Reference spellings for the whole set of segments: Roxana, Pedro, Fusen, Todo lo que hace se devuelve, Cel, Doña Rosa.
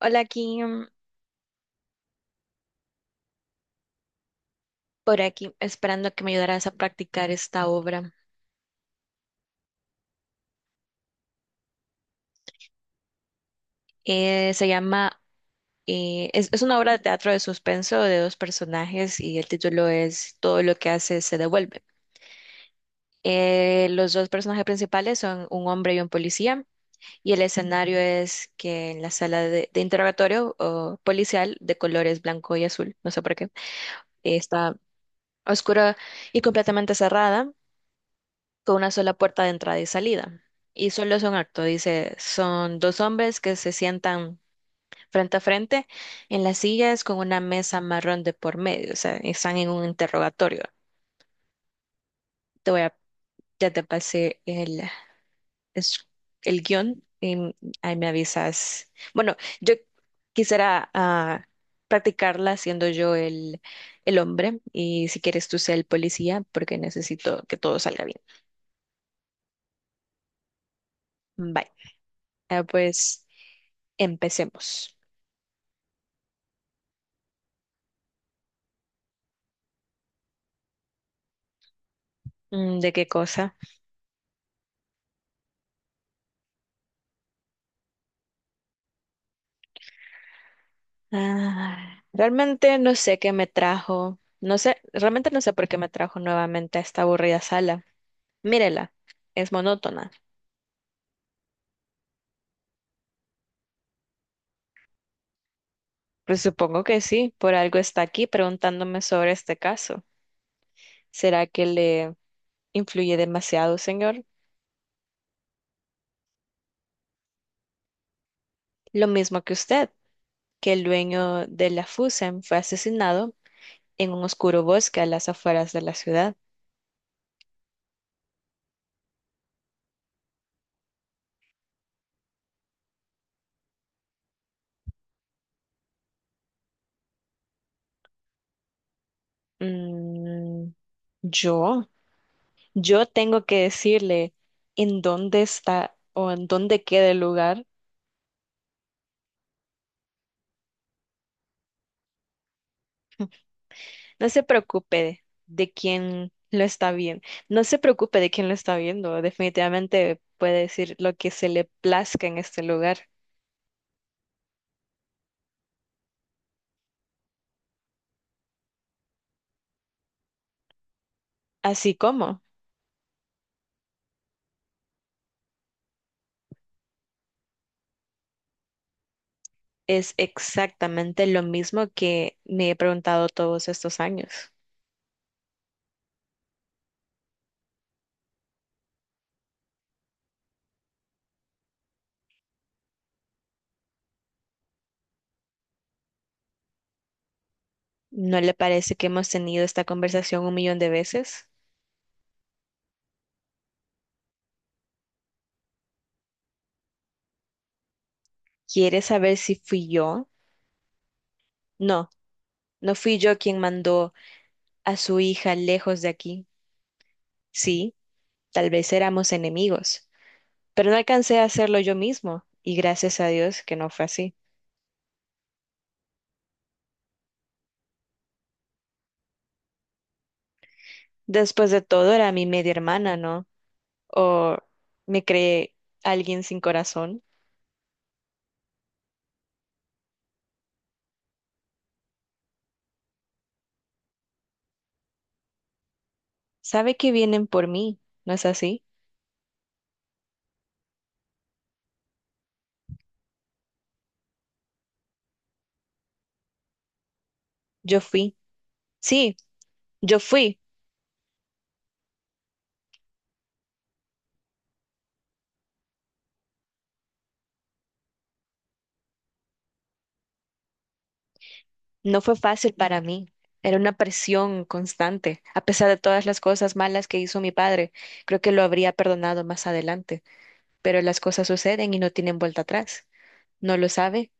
Hola, aquí, por aquí, esperando que me ayudaras a practicar esta obra. Se llama, es una obra de teatro de suspenso de dos personajes y el título es Todo lo que hace se devuelve. Los dos personajes principales son un hombre y un policía y el escenario es que en la sala de interrogatorio o policial de colores blanco y azul, no sé por qué, está oscura y completamente cerrada. Con una sola puerta de entrada y salida. Y solo es un acto, dice, son dos hombres que se sientan frente a frente en las sillas con una mesa marrón de por medio, o sea, están en un interrogatorio. Te voy a, ya te pasé es- el guión y ahí me avisas. Bueno, yo quisiera practicarla siendo yo el hombre y si quieres tú sea el policía porque necesito que todo salga bien. Bye. Ah, pues empecemos. Mm, ¿de qué cosa? Ah, realmente no sé qué me trajo. No sé, realmente no sé por qué me trajo nuevamente a esta aburrida sala. Mírela, es monótona. Pues supongo que sí, por algo está aquí preguntándome sobre este caso. ¿Será que le influye demasiado, señor? Lo mismo que usted, que el dueño de la Fusen fue asesinado en un oscuro bosque a las afueras de la ciudad. Mm, ¿yo? Yo tengo que decirle en dónde está o en dónde queda el lugar. No se preocupe de quién lo está viendo. No se preocupe de quién lo está viendo. Definitivamente puede decir lo que se le plazca en este lugar. Así como es exactamente lo mismo que me he preguntado todos estos años. ¿No le parece que hemos tenido esta conversación un millón de veces? ¿Quiere saber si fui yo? No, no fui yo quien mandó a su hija lejos de aquí. Sí, tal vez éramos enemigos, pero no alcancé a hacerlo yo mismo, y gracias a Dios que no fue así. Después de todo, era mi media hermana, ¿no? O me creé alguien sin corazón. Sabe que vienen por mí, ¿no es así? Yo fui. Sí, yo fui. No fue fácil para mí. Era una presión constante. A pesar de todas las cosas malas que hizo mi padre, creo que lo habría perdonado más adelante. Pero las cosas suceden y no tienen vuelta atrás. ¿No lo sabe?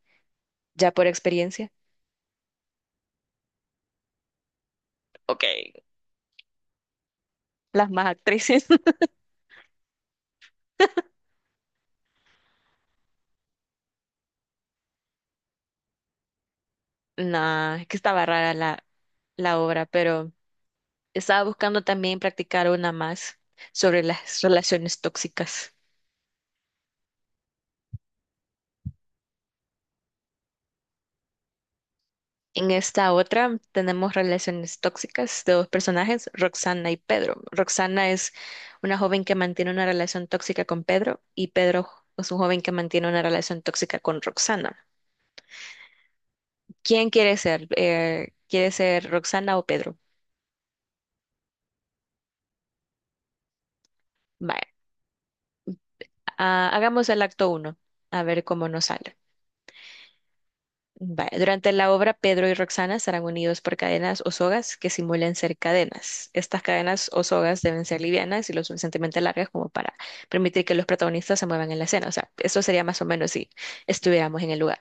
¿Ya por experiencia? Ok, las más actrices. No, es que estaba rara la obra, pero estaba buscando también practicar una más sobre las relaciones tóxicas. En esta otra tenemos relaciones tóxicas de dos personajes, Roxana y Pedro. Roxana es una joven que mantiene una relación tóxica con Pedro y Pedro es un joven que mantiene una relación tóxica con Roxana. ¿Quién quiere ser? ¿Quiere ser Roxana o Pedro? Vaya, ah, hagamos el acto uno, a ver cómo nos sale. Vaya, durante la obra, Pedro y Roxana estarán unidos por cadenas o sogas que simulan ser cadenas. Estas cadenas o sogas deben ser livianas y lo suficientemente largas como para permitir que los protagonistas se muevan en la escena. O sea, eso sería más o menos si estuviéramos en el lugar.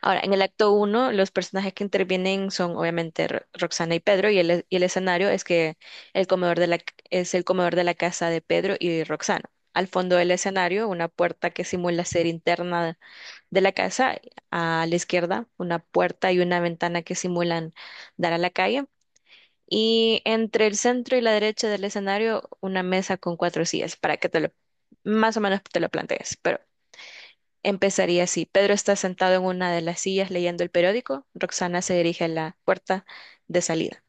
Ahora, en el acto uno, los personajes que intervienen son obviamente Roxana y Pedro y y el escenario es que el comedor de es el comedor de la casa de Pedro y Roxana. Al fondo del escenario, una puerta que simula ser interna de la casa, a la izquierda, una puerta y una ventana que simulan dar a la calle. Y entre el centro y la derecha del escenario, una mesa con cuatro sillas para que te lo, más o menos te lo plantees. Pero empezaría así. Pedro está sentado en una de las sillas leyendo el periódico. Roxana se dirige a la puerta de salida.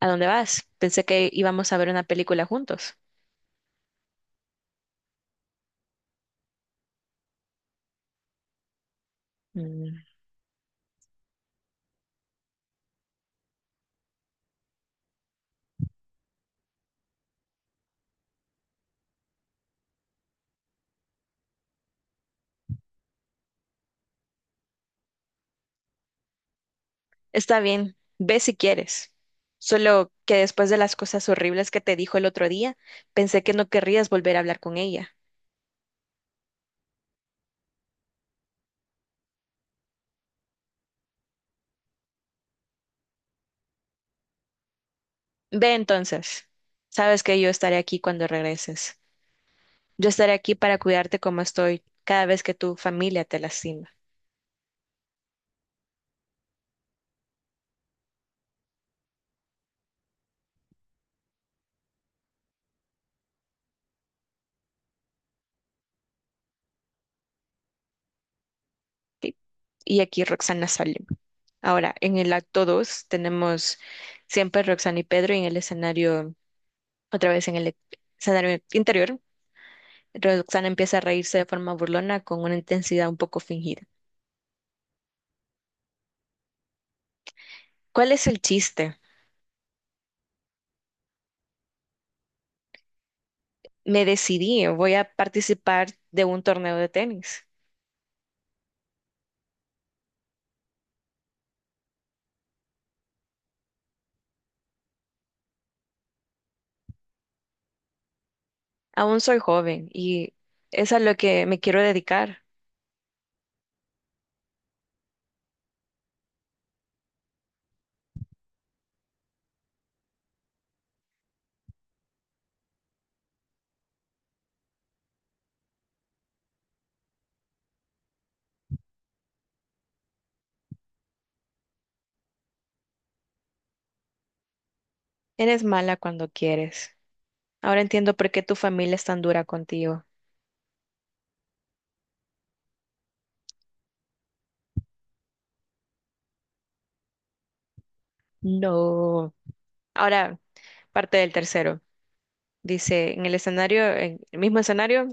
¿A dónde vas? Pensé que íbamos a ver una película juntos. Está bien, ve si quieres. Solo que después de las cosas horribles que te dijo el otro día, pensé que no querrías volver a hablar con ella. Ve entonces. Sabes que yo estaré aquí cuando regreses. Yo estaré aquí para cuidarte como estoy cada vez que tu familia te lastima. Y y aquí Roxana Salim. Ahora, en el acto 2 tenemos siempre Roxana y Pedro, y en el escenario, otra vez en escenario interior, Roxana empieza a reírse de forma burlona con una intensidad un poco fingida. ¿Cuál es el chiste? Me decidí, voy a participar de un torneo de tenis. Aún soy joven y es a lo que me quiero dedicar. Eres mala cuando quieres. Ahora entiendo por qué tu familia es tan dura contigo. No. Ahora, parte del tercero. Dice, en el escenario, en el mismo escenario,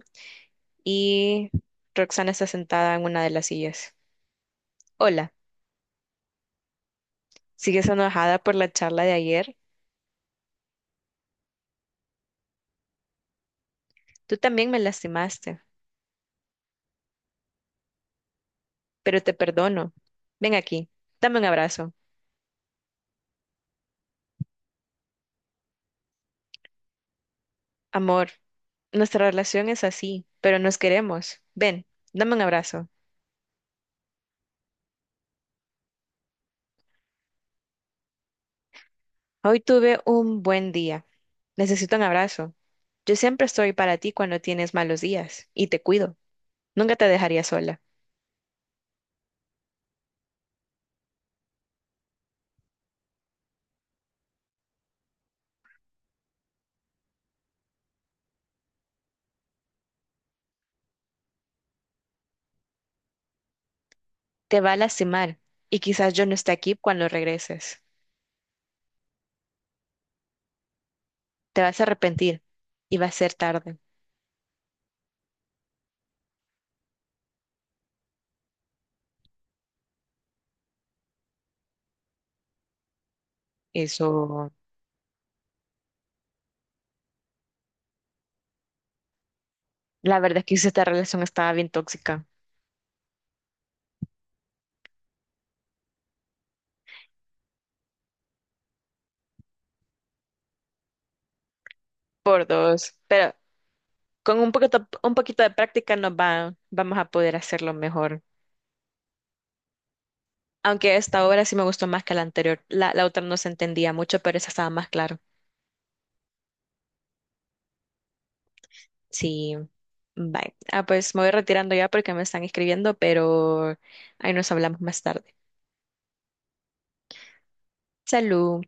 y Roxana está sentada en una de las sillas. Hola, ¿sigues enojada por la charla de ayer? Tú también me lastimaste, pero te perdono. Ven aquí, dame un abrazo. Amor, nuestra relación es así, pero nos queremos. Ven, dame un abrazo. Hoy tuve un buen día. Necesito un abrazo. Yo siempre estoy para ti cuando tienes malos días y te cuido. Nunca te dejaría sola. Te va a lastimar y quizás yo no esté aquí cuando regreses. Te vas a arrepentir y va a ser tarde. Eso, la verdad es que esta relación estaba bien tóxica. Por dos, pero con un poquito de práctica nos va, vamos a poder hacerlo mejor. Aunque esta obra sí me gustó más que la anterior. La otra no se entendía mucho, pero esa estaba más claro. Sí. Bye. Ah, pues me voy retirando ya porque me están escribiendo, pero ahí nos hablamos más tarde. Salud.